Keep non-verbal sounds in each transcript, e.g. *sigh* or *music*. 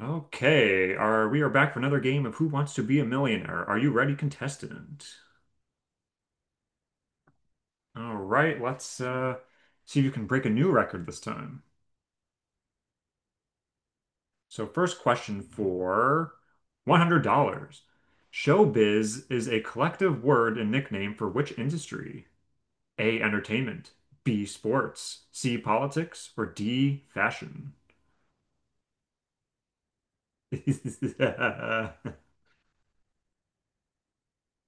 Okay, are we are back for another game of Who Wants to Be a Millionaire? Are you ready, contestant? All right, let's see if you can break a new record this time. So first question for $100. Showbiz is a collective word and nickname for which industry? A, entertainment, B, sports, C, politics, or D, fashion? *laughs*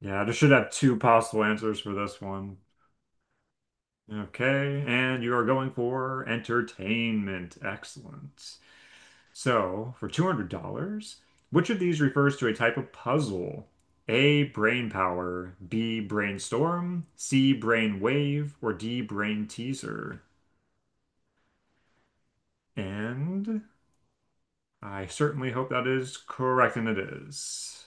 Yeah, there should have two possible answers for this one. Okay, and you are going for entertainment. Excellent. So, for $200, which of these refers to a type of puzzle? A, brain power, B, brainstorm, C, brain wave, or D, brain teaser? And I certainly hope that is correct, and it is.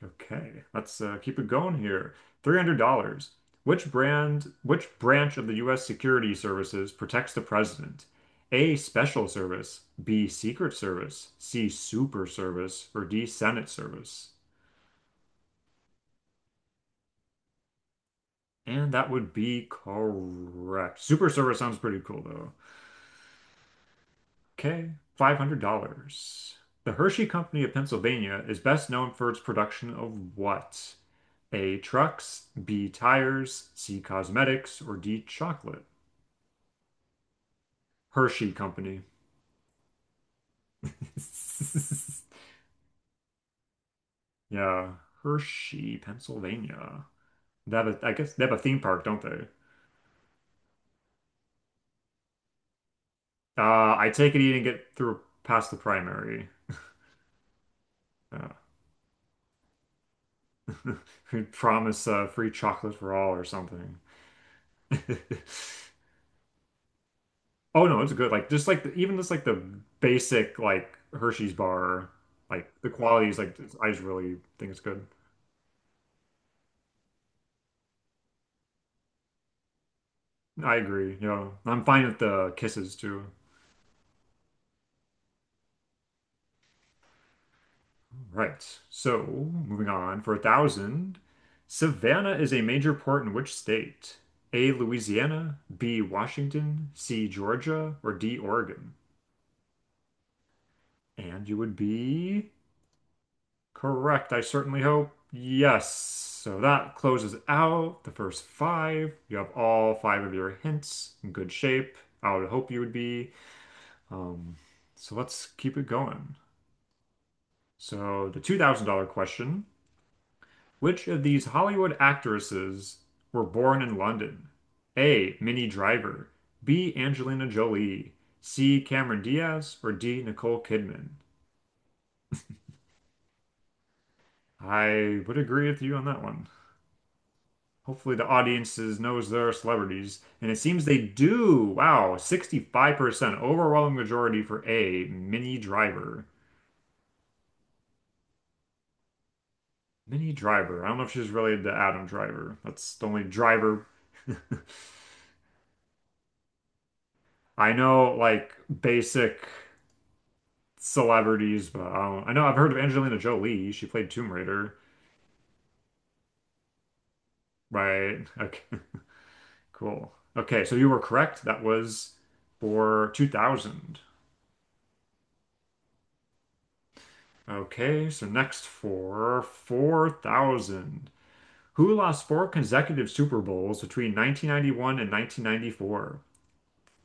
Okay, let's keep it going here. $300. Which branch of the U.S. Security Services protects the president? A, Special Service, B, Secret Service, C, Super Service, or D, Senate Service? And that would be correct. Super Service sounds pretty cool though. Okay, $500. The Hershey Company of Pennsylvania is best known for its production of what? A. Trucks, B. Tires, C. Cosmetics, or D. Chocolate. Hershey Company. *laughs* Yeah, Hershey, Pennsylvania. I guess they have a theme park, don't they? I take it you didn't get through past the primary. Uh, *laughs* we promise free chocolate for all or something. *laughs* Oh no, it's good. Like just like even just like the basic like Hershey's bar, like the quality is I just really think it's good. I agree. I'm fine with the kisses too. Right. So moving on for a thousand, Savannah is a major port in which state? A. Louisiana, B. Washington, C. Georgia, or D. Oregon? And you would be correct, I certainly hope. Yes. So that closes out the first five. You have all five of your hints in good shape. I would hope you would be. Um, so let's keep it going. So, the $2,000 question. Which of these Hollywood actresses were born in London? A. Minnie Driver, B. Angelina Jolie, C. Cameron Diaz, or D. Nicole Kidman? I would agree with you on that one. Hopefully the audiences knows they're celebrities, and it seems they do. Wow, 65% overwhelming majority for A, Minnie Driver. Minnie Driver. I don't know if she's related to Adam Driver. That's the only driver. *laughs* I know, like basic celebrities, but I don't, I know I've heard of Angelina Jolie. She played Tomb Raider, right? Okay, *laughs* cool. Okay, so you were correct. That was for 2000. Okay, so next for 4,000. Who lost four consecutive Super Bowls between 1991 and 1994?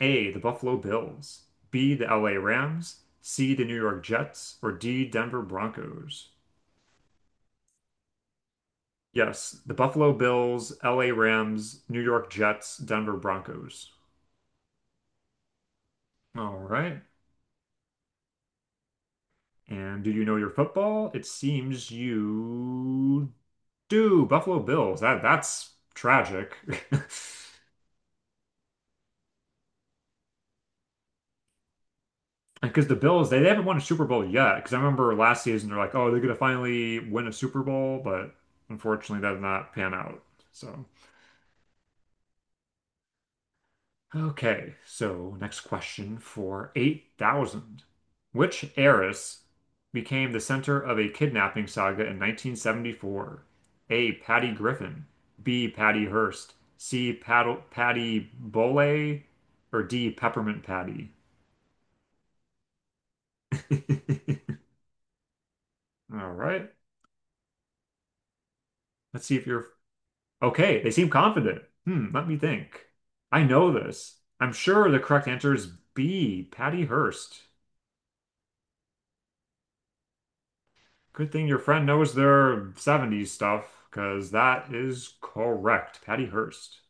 A. The Buffalo Bills. B. The LA Rams. C. The New York Jets. Or D. Denver Broncos? Yes, the Buffalo Bills, LA Rams, New York Jets, Denver Broncos. All right. And do you know your football? It seems you do. Buffalo Bills. That's tragic. *laughs* Because the Bills, they haven't won a Super Bowl yet. Because I remember last season, they're like, oh, they're going to finally win a Super Bowl. But unfortunately, that did not pan out. So, okay. So, next question for 8,000. Which heiress became the center of a kidnapping saga in 1974? A. Patty Griffin, B. Patty Hearst, C. Patty Bole, or D. Peppermint Patty? *laughs* All right. Let's see if you're Okay, they seem confident. Hmm, let me think. I know this. I'm sure the correct answer is B, Patty Hearst. Good thing your friend knows their 70s stuff, because that is correct. Patty Hearst.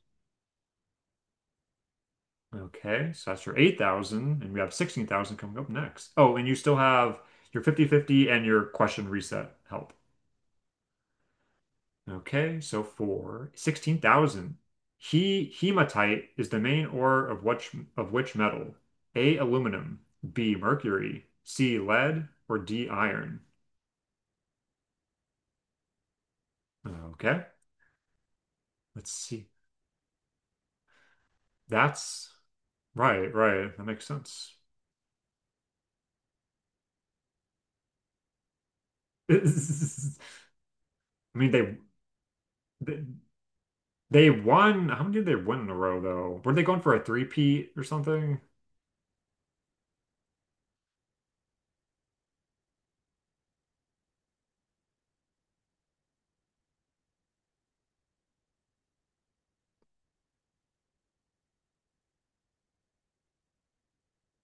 Okay, so that's your 8,000, and we have 16,000 coming up next. Oh, and you still have your fifty-fifty and your question reset help. Okay, so for 16,000, he hematite is the main ore of which metal? A, aluminum, B, mercury, C, lead, or D, iron. Okay, let's see. That's right, right. That makes sense. *laughs* I mean they they won. How many did they win in a row though? Were they going for a three-peat or something?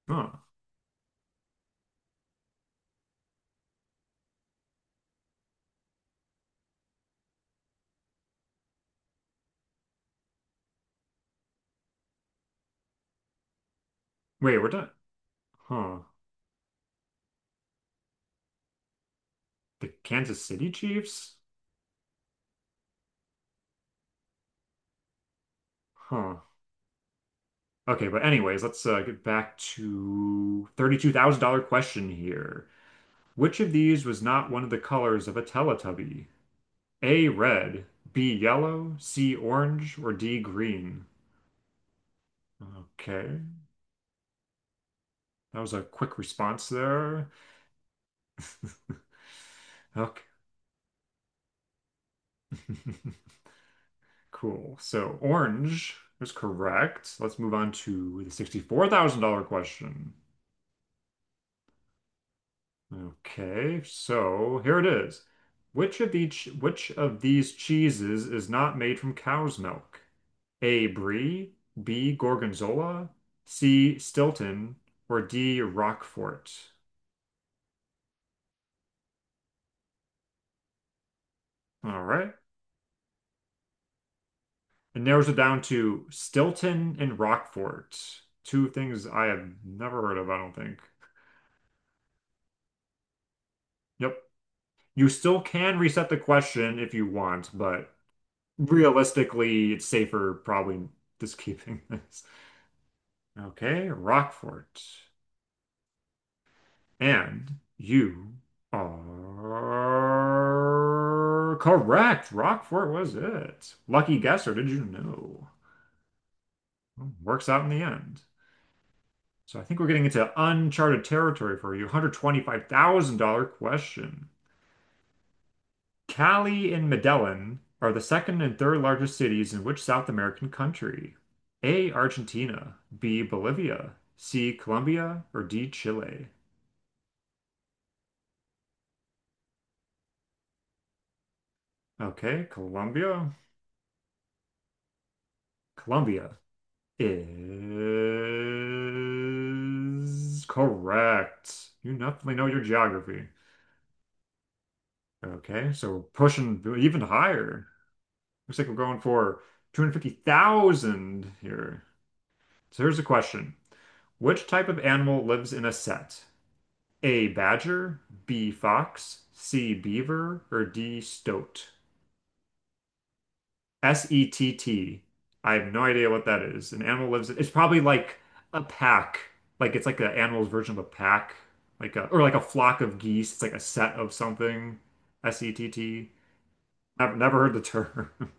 Huh. Wait, we're done. Huh. The Kansas City Chiefs? Huh. Okay, but anyways, let's get back to $32,000 question here. Which of these was not one of the colors of a Teletubby? A, red, B, yellow, C, orange, or D, green? Okay, that was a quick response there. *laughs* Okay. *laughs* Cool. So orange was correct. Let's move on to the $64,000 question. Okay, so here it is. Which of these cheeses is not made from cow's milk? A, brie, B, gorgonzola, C, Stilton, or D, Roquefort. All right. It narrows it down to Stilton and Roquefort. Two things I have never heard of, I don't think. Yep. You still can reset the question if you want, but realistically, it's safer probably just keeping *laughs* this. Okay, Rockfort. And you are correct. Rockfort was it. Lucky guess, or did you know? Well, works out in the end. So I think we're getting into uncharted territory for you. $125,000 question. Cali and Medellin are the second and third largest cities in which South American country? A. Argentina, B. Bolivia, C. Colombia, or D. Chile? Okay, Colombia. Colombia is correct. You definitely know your geography. Okay, so we're pushing even higher. Looks like we're going for 250,000 here. So here's a question. Which type of animal lives in a set? A, badger, B, fox, C, beaver, or D, stoat? sett. I have no idea what that is. An animal lives It's probably like a pack. Like it's like an animal's version of a pack. Like a flock of geese. It's like a set of something. sett. Never, never heard the term. *laughs*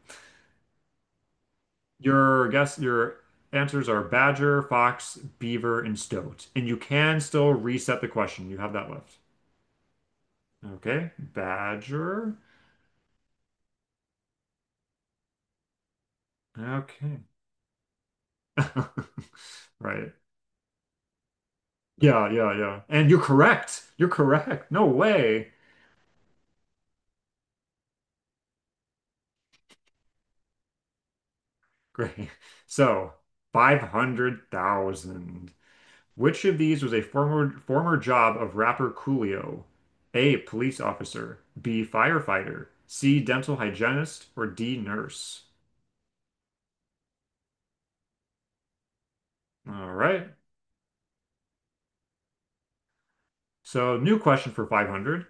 Your answers are badger, fox, beaver, and stoat. And you can still reset the question. You have that left. Okay. Badger. Okay. *laughs* Right. Yeah, yeah, yeah. And you're correct. You're correct. No way. Great. *laughs* So, 500,000. Which of these was a former job of rapper Coolio? A, police officer, B, firefighter, C, dental hygienist, or D, nurse? All right. So, new question for 500.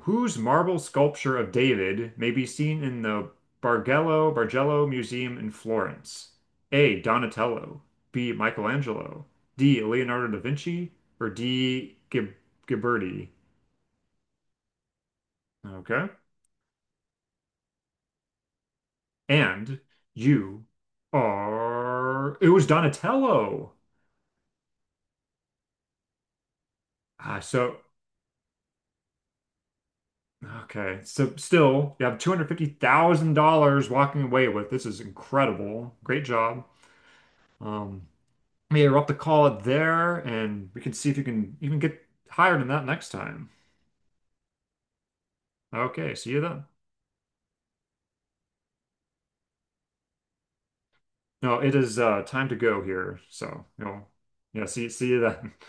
Whose marble sculpture of David may be seen in the Bargello Museum in Florence? A, Donatello, B, Michelangelo, D, Leonardo da Vinci, or D, Gib Ghiberti? Okay. And you it was Donatello. Ah, so, okay. So still, you have $250,000 walking away with. This is incredible. Great job. Um, yeah, we're up to call it there, and we can see if you can even get higher than that next time. Okay, see you then. No, it is time to go here. So, yeah, see you then. *laughs*